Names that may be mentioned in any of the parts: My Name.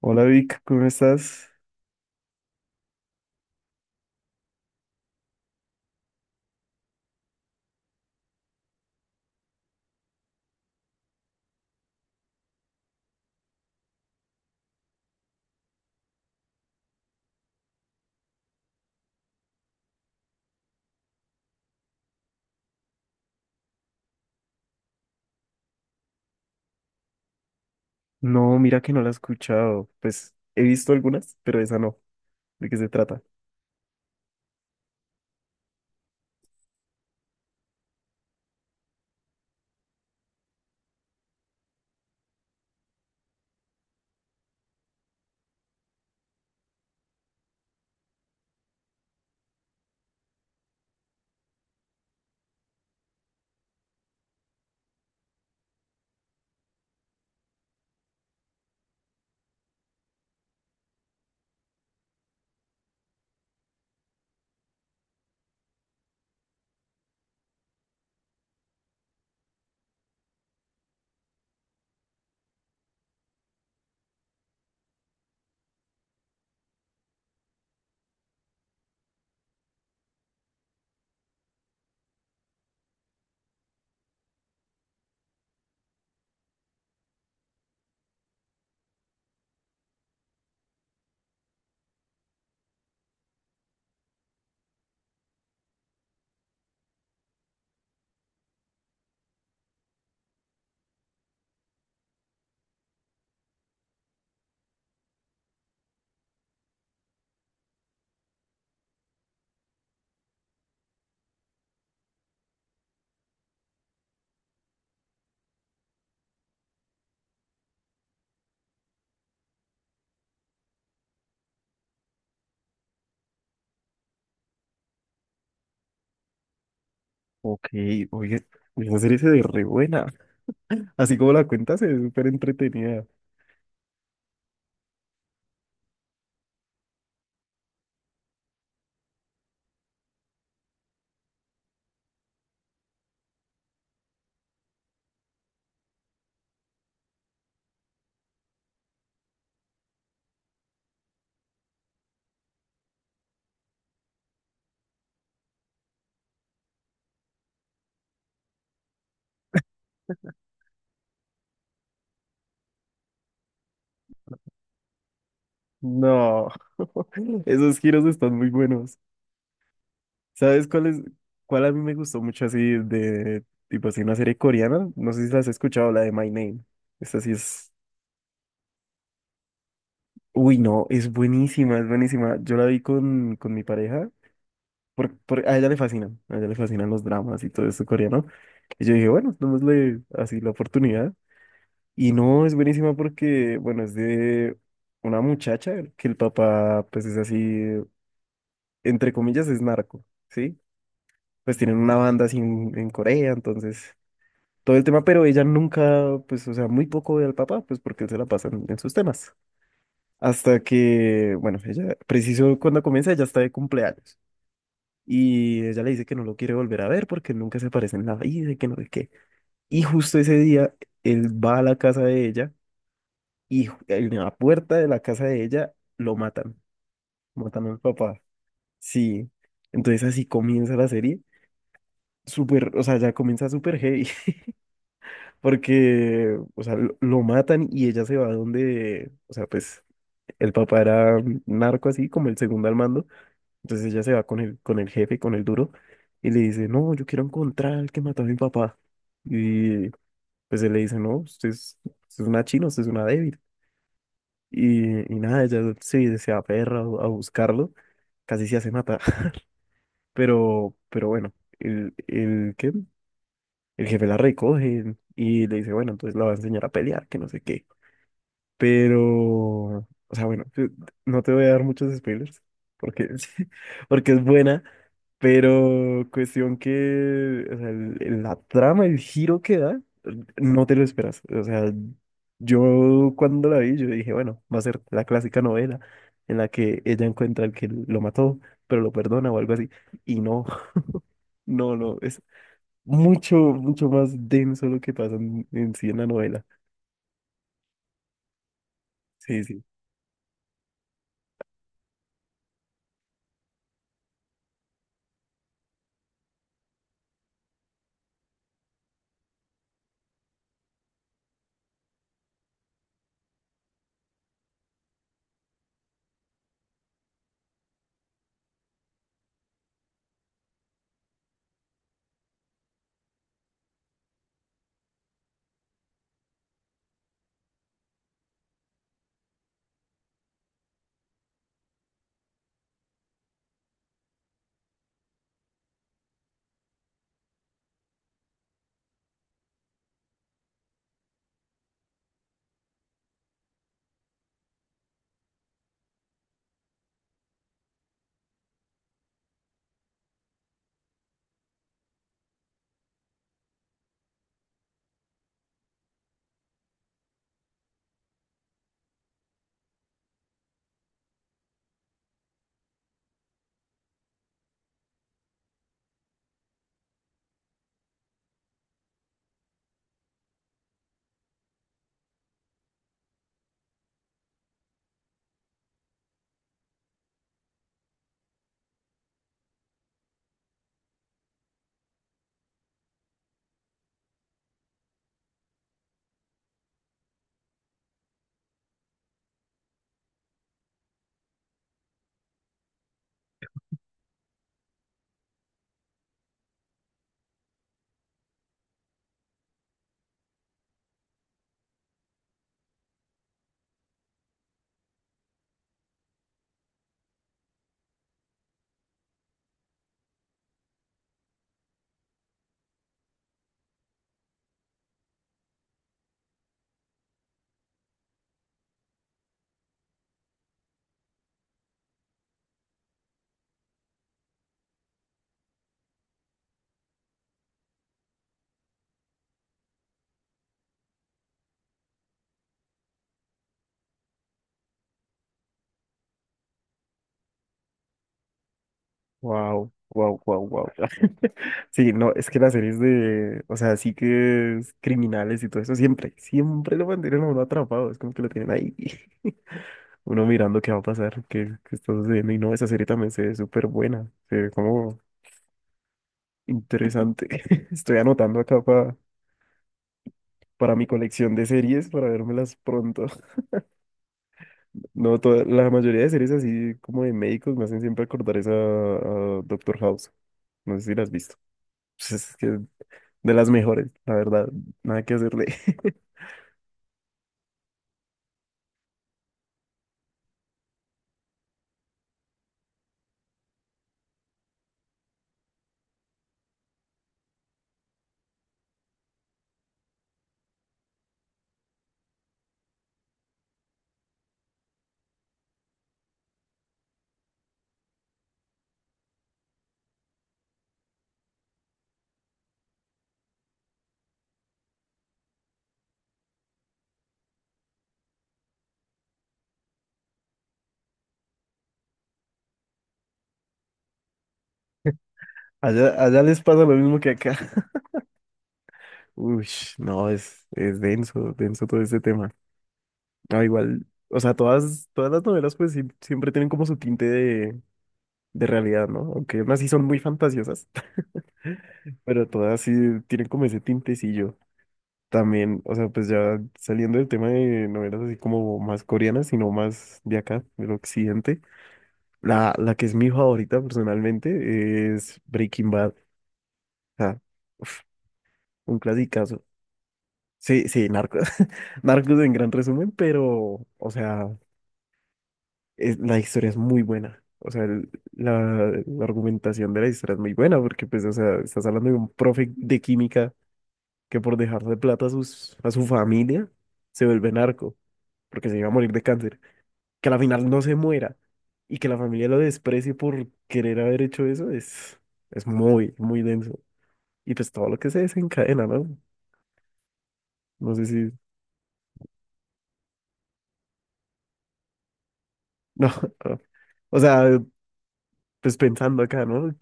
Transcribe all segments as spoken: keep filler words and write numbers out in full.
Hola Vic, ¿cómo estás? No, mira que no la he escuchado. Pues he visto algunas, pero esa no. ¿De qué se trata? Ok, oye, esa serie se ve re buena. Así como la cuenta se ve súper entretenida. No, esos giros están muy buenos. ¿Sabes cuál es, cuál a mí me gustó mucho así de, tipo así, una serie coreana? No sé si la has escuchado, la de My Name. Esta sí es... Uy, no, es buenísima, es buenísima. Yo la vi con, con mi pareja por- por- a ella le fascinan, a ella le fascinan los dramas y todo eso coreano. Y yo dije, bueno, démosle así la oportunidad. Y no, es buenísima porque, bueno, es de una muchacha que el papá, pues es así, entre comillas, es narco, ¿sí? Pues tienen una banda así en, en Corea, entonces, todo el tema, pero ella nunca, pues, o sea, muy poco ve al papá, pues porque él se la pasa en en sus temas. Hasta que, bueno, ella, preciso cuando comienza, ella está de cumpleaños. Y ella le dice que no lo quiere volver a ver porque nunca se aparece en la vida y que no sé qué. Y justo ese día, él va a la casa de ella y ju- en la puerta de la casa de ella lo matan. Matan al papá. Sí. Entonces así comienza la serie. Súper, o sea, ya comienza súper heavy porque, o sea, lo, lo matan y ella se va donde, o sea, pues el papá era narco así, como el segundo al mando. Entonces ella se va con el, con el jefe, con el duro, y le dice, no, yo quiero encontrar al que mató a mi papá. Y pues él le dice, no, usted es, usted es una china, usted es una débil. Y, y nada, ella se, se aferra a a buscarlo, casi se hace matar. Pero, pero bueno, el, el, ¿qué? El jefe la recoge y le dice, bueno, entonces la va a enseñar a pelear, que no sé qué. Pero, o sea, bueno, yo no te voy a dar muchos spoilers, porque, porque es buena. Pero cuestión que, o sea, el- el- la trama, el giro que da, no te lo esperas. O sea, yo cuando la vi, yo dije, bueno, va a ser la clásica novela en la que ella encuentra al que lo mató, pero lo perdona o algo así. Y no, no, no, es mucho, mucho más denso lo que pasa en, en sí en la novela. Sí, sí. Wow, wow, wow, wow. Sí, no, es que las series de, o sea, sí que es criminales y todo eso, siempre, siempre lo mantienen a uno atrapado, es como que lo tienen ahí, uno mirando qué va a pasar, qué, qué está sucediendo, y no, esa serie también se ve súper buena, se ve como interesante. Estoy anotando acá pa- para mi colección de series, para vérmelas pronto. No, toda, la mayoría de series así como de médicos me hacen siempre acordar esa a Doctor House, no sé si las has visto. Pues es que de las mejores, la verdad, nada que hacerle. Allá, allá les pasa lo mismo que acá. Uy, no, es, es denso, denso todo este tema. No, igual, o sea, todas, todas las novelas pues sí- siempre tienen como su tinte de, de realidad, ¿no? Aunque unas sí son muy fantasiosas, pero todas sí tienen como ese tintecillo. También, o sea, pues ya saliendo del tema de novelas así como más coreanas, sino más de acá, del occidente, la, la que es mi favorita personalmente es Breaking Bad. O sea, uf, un clasicazo. Sí, sí, Narcos. Narcos en gran resumen, pero, o sea, es- la historia es muy buena. O sea, el- la, la argumentación de la historia es muy buena porque, pues, o sea, estás hablando de un profe de química que por dejarle plata a, sus, a su familia se vuelve narco porque se iba a morir de cáncer. Que a la final no se muera y que la familia lo desprecie por querer haber hecho eso es, es muy, muy denso. Y pues todo lo que se desencadena, ¿no? No sé si... No, no. O sea, pues pensando acá, ¿no?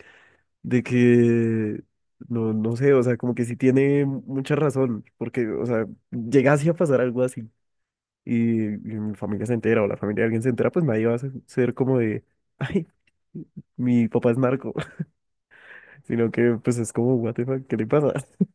De que, no, no sé, o sea, como que sí tiene mucha razón, porque, o sea, llegase a pasar algo así y, y mi familia se entera o la familia de alguien se entera, pues nadie va a ser ser como de, ay, mi papá es narco, sino que pues es como, what the fuck, ¿qué le pasa?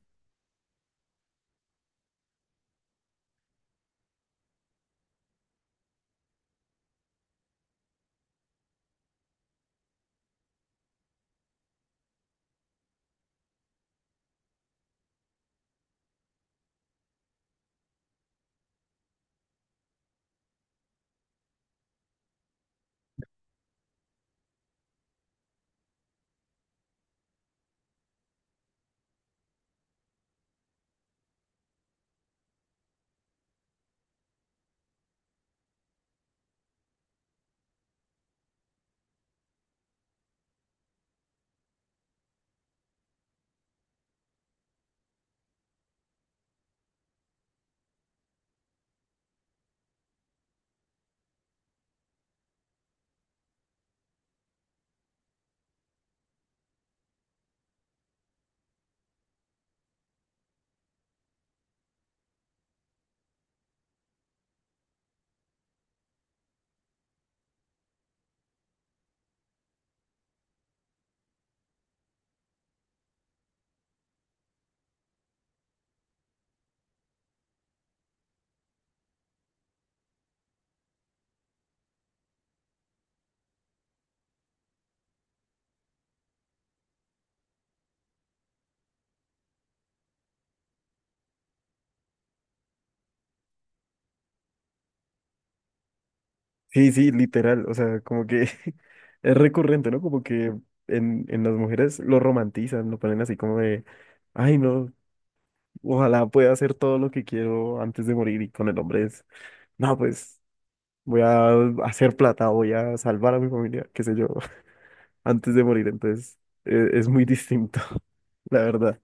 Sí, sí, literal, o sea, como que es recurrente, ¿no? Como que en, en las mujeres lo romantizan, lo ponen así como de, ay, no, ojalá pueda hacer todo lo que quiero antes de morir y con el hombre es no, pues voy a hacer plata, voy a salvar a mi familia, qué sé yo, antes de morir. Entonces, e- es, muy distinto, la verdad.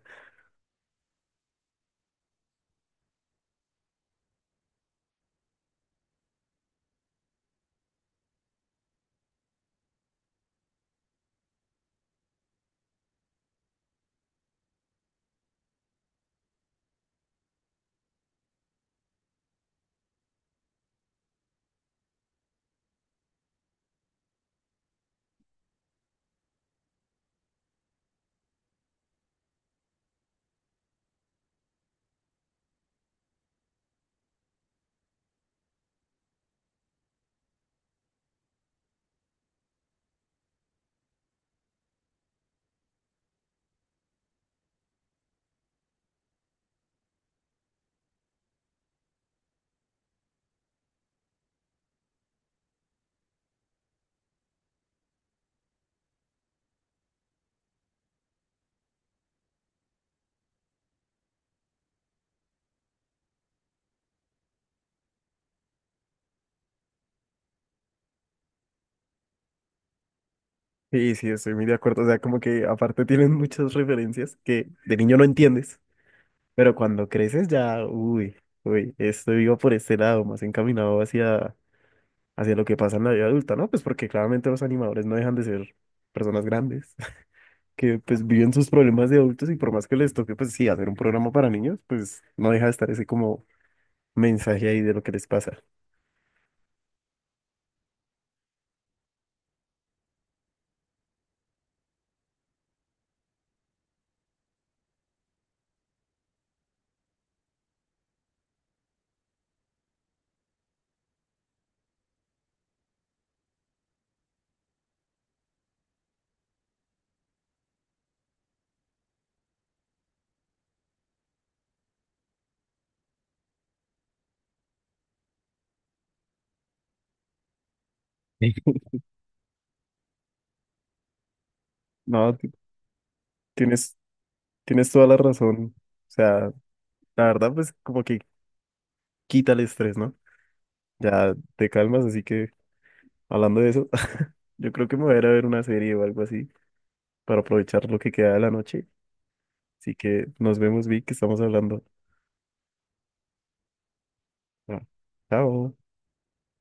Y sí, estoy muy de acuerdo. O sea, como que aparte tienen muchas referencias que de niño no entiendes, pero cuando creces ya, uy, uy, estoy vivo por este lado, más encaminado hacia, hacia lo que pasa en la vida adulta, ¿no? Pues porque claramente los animadores no dejan de ser personas grandes que pues viven sus problemas de adultos y por más que les toque, pues sí, hacer un programa para niños, pues no deja de estar ese como mensaje ahí de lo que les pasa. Sí. No, ti- tienes, tienes toda la razón. O sea, la verdad, pues como que quita el estrés, ¿no? Ya te calmas, así que hablando de eso, yo creo que me voy a ir a ver una serie o algo así para aprovechar lo que queda de la noche. Así que nos vemos, Vic, que estamos hablando. Ah, chao.